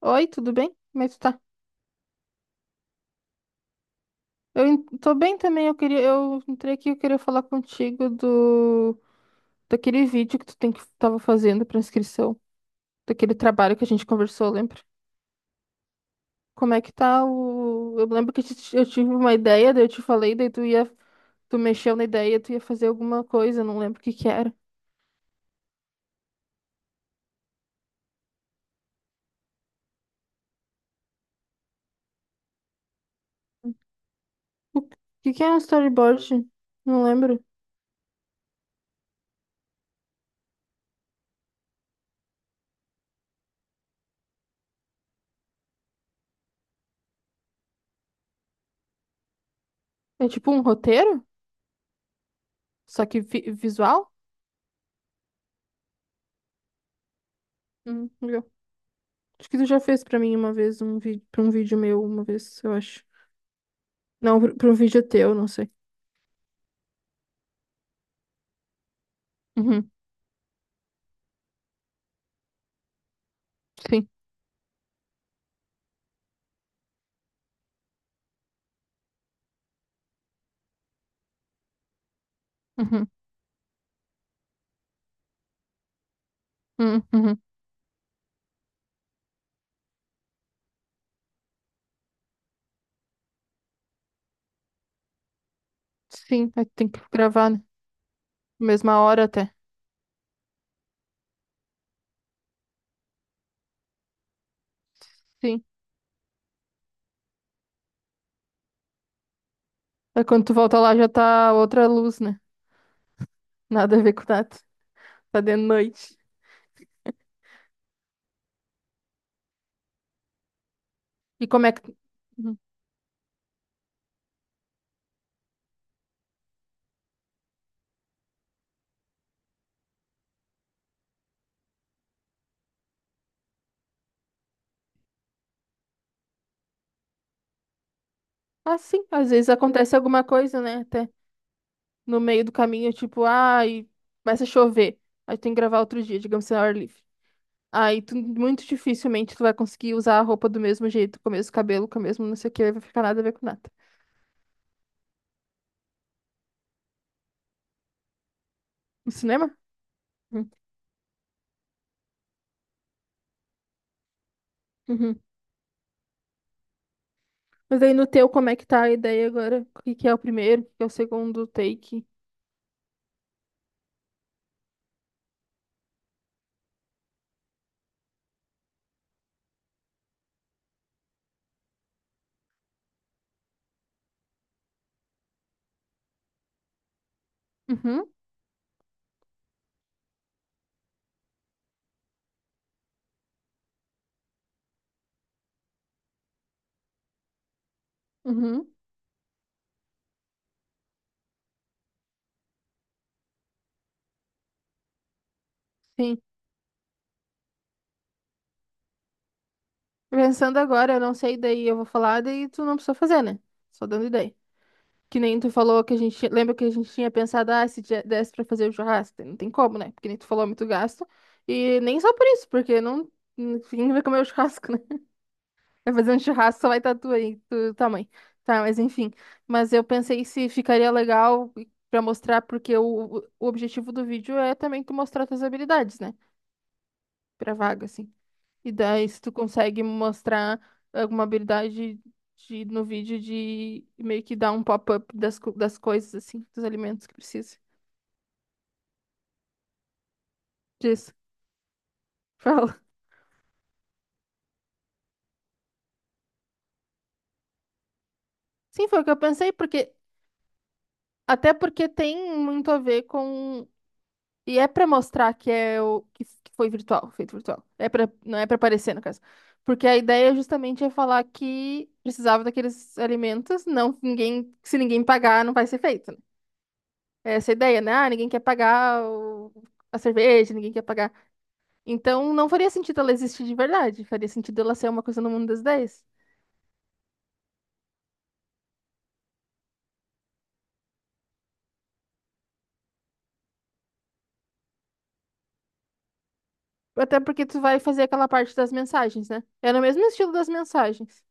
Oi, tudo bem? Como é que tu tá? Tô bem também, eu entrei aqui, eu queria falar contigo do daquele vídeo que tu tem que tava fazendo pra inscrição, daquele trabalho que a gente conversou, lembra? Como é que tá o Eu lembro que eu tive uma ideia, daí eu te falei, daí tu mexeu na ideia, tu ia fazer alguma coisa, eu não lembro o que que era. O que que é um storyboard? Não lembro. É tipo um roteiro? Só que visual? Legal. Acho que tu já fez pra mim uma vez um vídeo, para um vídeo meu uma vez, eu acho. Não, pra um vídeo teu, não sei. Uhum, sim. Uhum, uhum, uhum. Sim, aí tem que gravar, né? Mesma hora até. Sim. Aí quando tu volta lá já tá outra luz, né? Nada a ver com nada. Tá de noite. E como é que. Uhum. Ah, sim, às vezes acontece alguma coisa, né? Até no meio do caminho, tipo, ah, e começa a chover. Aí tem que gravar outro dia, digamos assim, ao ar livre. Aí tu, muito dificilmente tu vai conseguir usar a roupa do mesmo jeito, com o mesmo cabelo, com o mesmo não sei o que, vai ficar nada a ver com nada. No cinema? Uhum. Uhum. Mas aí no teu, como é que tá a ideia agora? O que que é o primeiro, o que que é o segundo take? Uhum, uhum, sim. Pensando agora, eu não sei, daí eu vou falar, daí tu não precisa fazer, né? Só dando ideia. Que nem tu falou que a gente, lembra que a gente tinha pensado, ah, se desse pra fazer o churrasco, daí não tem como, né? Porque nem tu falou é muito gasto. E nem só por isso, porque não, ninguém vai comer o churrasco, né? Vai fazer um churrasco, só vai estar tu aí, do tamanho. Tá, mas enfim. Mas eu pensei se ficaria legal pra mostrar, porque o objetivo do vídeo é também tu mostrar tuas habilidades, né? Pra vaga, assim. E daí, se tu consegue mostrar alguma habilidade de, no vídeo de meio que dar um pop-up das, das coisas, assim, dos alimentos que precisa. Disso. Fala. Sim, foi o que eu pensei, porque. Até porque tem muito a ver com. E é pra mostrar que é o que que foi virtual, feito virtual. É para não é pra aparecer, no caso. Porque a ideia justamente é falar que precisava daqueles alimentos, não ninguém, se ninguém pagar, não vai ser feito, né? É. Essa é ideia, né? Ah, ninguém quer pagar a cerveja, ninguém quer pagar. Então não faria sentido ela existir de verdade, faria sentido ela ser uma coisa no mundo das ideias. Até porque tu vai fazer aquela parte das mensagens, né? É no mesmo estilo das mensagens.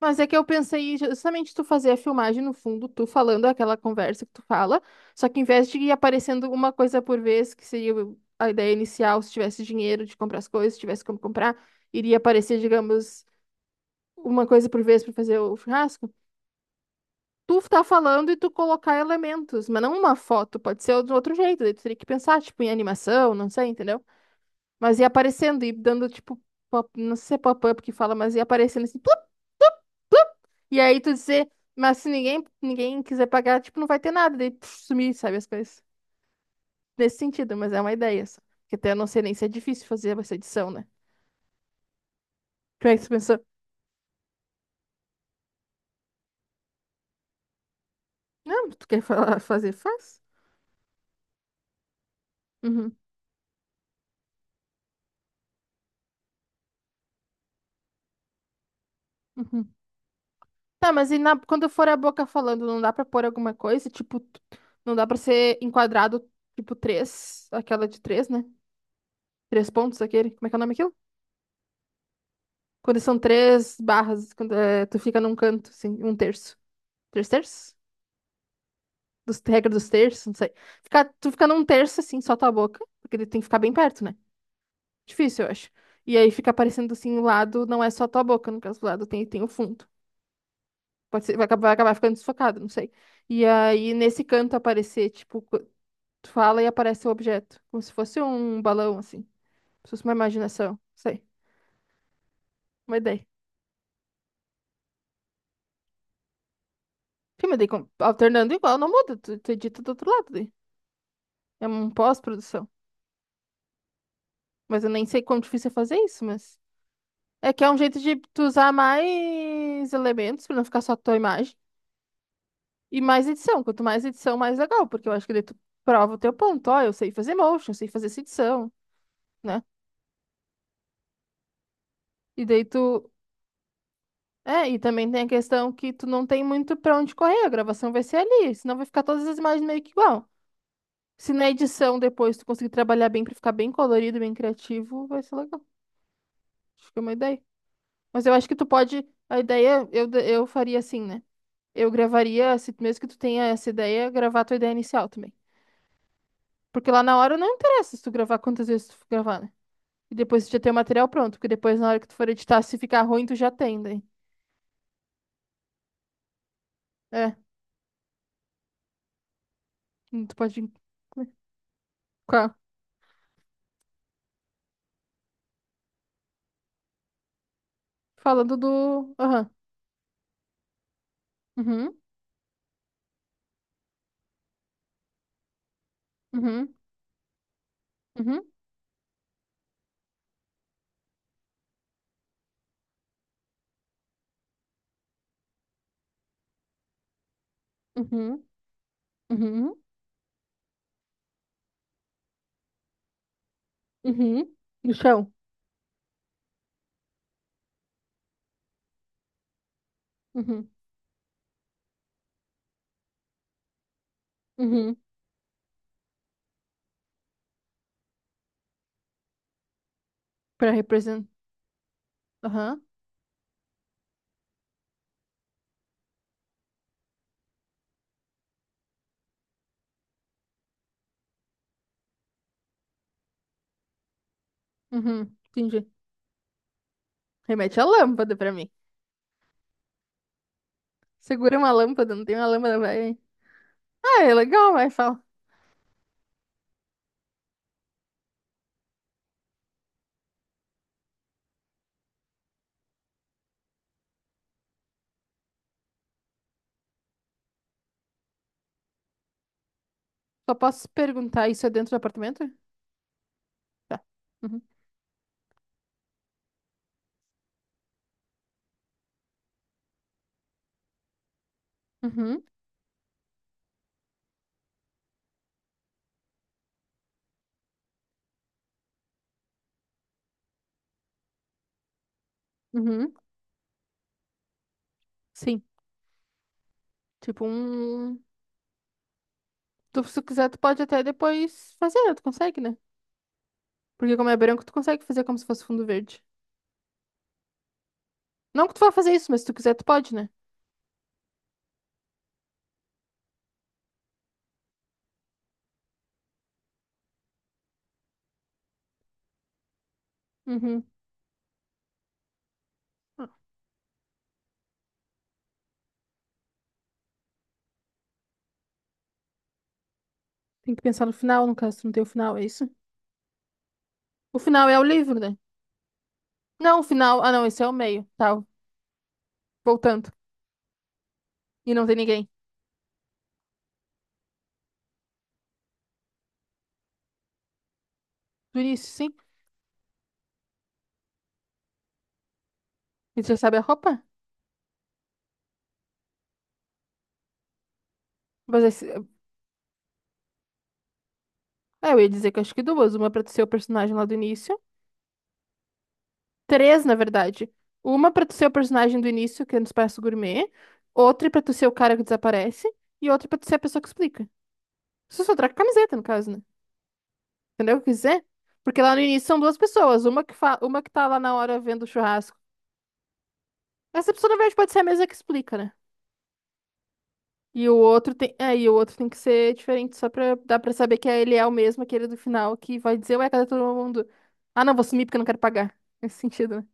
Mas é que eu pensei justamente tu fazer a filmagem no fundo, tu falando aquela conversa que tu fala, só que em vez de ir aparecendo uma coisa por vez, que seria a ideia inicial, se tivesse dinheiro de comprar as coisas, se tivesse como comprar, iria aparecer, digamos, uma coisa por vez para fazer o churrasco. Tu tá falando e tu colocar elementos, mas não uma foto, pode ser de outro jeito, daí tu teria que pensar, tipo, em animação, não sei, entendeu? Mas ia aparecendo e dando, tipo, não sei se é pop-up que fala, mas ia aparecendo assim, plup, e aí tu dizer, mas se ninguém quiser pagar, tipo, não vai ter nada, daí puf, sumir, sabe, as coisas. Nesse sentido, mas é uma ideia só. Porque até eu não sei nem se é difícil fazer essa edição, né? Como é que tu pensou? Não, tu quer falar, fazer, faz. Uhum, uhum. Tá, mas e na, quando for a boca falando, não dá pra pôr alguma coisa? Tipo, não dá pra ser enquadrado, tipo, três, aquela de três, né? Três pontos, aquele. Como é que é o nome aquilo? Quando são três barras, quando, é, tu fica num canto, assim, um terço. Três terços? Regra dos terços, não sei. Ficar, tu fica num terço assim, só tua boca, porque ele tem que ficar bem perto, né? Difícil, eu acho. E aí fica aparecendo assim, o lado não é só tua boca, no caso do lado tem o fundo. Pode ser, vai acabar ficando desfocado, não sei. E aí nesse canto aparecer, tipo, tu fala e aparece o objeto, como se fosse um balão, assim. Como se fosse uma imaginação, não sei. Uma ideia. Sim, mas daí alternando igual, não muda, tu edita do outro lado daí. É um pós-produção. Mas eu nem sei quão difícil é fazer isso, mas. É que é um jeito de tu usar mais elementos pra não ficar só tua imagem. E mais edição. Quanto mais edição, mais legal. Porque eu acho que daí tu prova o teu ponto. Ó, eu sei fazer motion, eu sei fazer essa edição, né? E daí tu. É, e também tem a questão que tu não tem muito pra onde correr. A gravação vai ser ali. Senão vai ficar todas as imagens meio que igual. Se na edição depois tu conseguir trabalhar bem pra ficar bem colorido, bem criativo, vai ser legal. Acho que é uma ideia. Mas eu acho que tu pode. A ideia eu faria assim, né? Eu gravaria, mesmo que tu tenha essa ideia, gravar a tua ideia inicial também. Porque lá na hora não interessa se tu gravar quantas vezes tu for gravar, né? E depois tu já tem o material pronto, porque depois na hora que tu for editar, se ficar ruim, tu já tem daí. É, tu pode. Qual? Falando do. Aham. Uhum, uhum, uhum, uhum, uhum, uhum, No chão. Uhum, uhum. Pra representar. Aham, uhum, entendi. Remete à lâmpada pra mim. Segura uma lâmpada, não tem uma lâmpada, vai. Ah, é legal, vai, fala. Só posso perguntar, isso é dentro do apartamento? Tá. Uhum. Uhum. Uhum. Sim. Tipo um. Tu, se tu quiser, tu pode até depois fazer, né? Tu consegue, né? Porque como é branco, tu consegue fazer como se fosse fundo verde. Não que tu vá fazer isso, mas se tu quiser, tu pode, né? Uhum. Ah, tem que pensar no final, no caso, tu não tem o final, é isso? O final é o livro, né? Não, o final. Ah, não, esse é o meio. Tá, voltando. E não tem ninguém. Do início, sim. E tu já sabe a roupa? Mas esse. É, eu ia dizer que acho que duas. Uma pra tu ser o personagem lá do início. Três, na verdade. Uma pra tu ser o personagem do início, que é no Espaço Gourmet. Outra pra tu ser o cara que desaparece. E outra pra tu ser a pessoa que explica. Isso é só troca a camiseta, no caso, né? Entendeu o que eu quis dizer? Porque lá no início são duas pessoas. Uma que tá lá na hora vendo o churrasco. Essa pessoa, na verdade, pode ser a mesma que explica, né? E o outro tem. É, e o outro tem que ser diferente, só pra dar pra saber que ele é o mesmo, aquele do final, que vai dizer, ué, cadê todo mundo? Ah, não, vou sumir porque eu não quero pagar. Nesse sentido, né?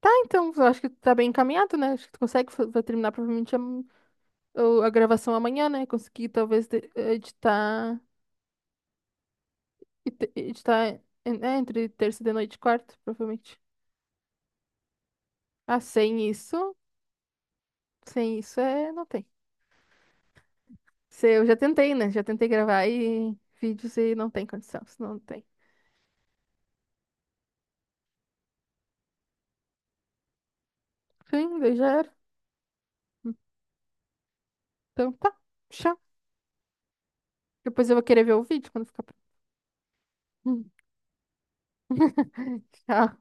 Tá, então, eu acho que tá bem encaminhado, né? Acho que tu consegue, vai terminar provavelmente a gravação amanhã, né? Conseguir talvez editar, editar, é, né, entre terça de noite e quarta, provavelmente. Ah, sem isso é, não tem. Se, eu já tentei, né? Já tentei gravar e vídeos e não tem condição, senão não tem. Sim, daí já era. Então tá, tchau. Depois eu vou querer ver o vídeo quando ficar pronto. Tchau.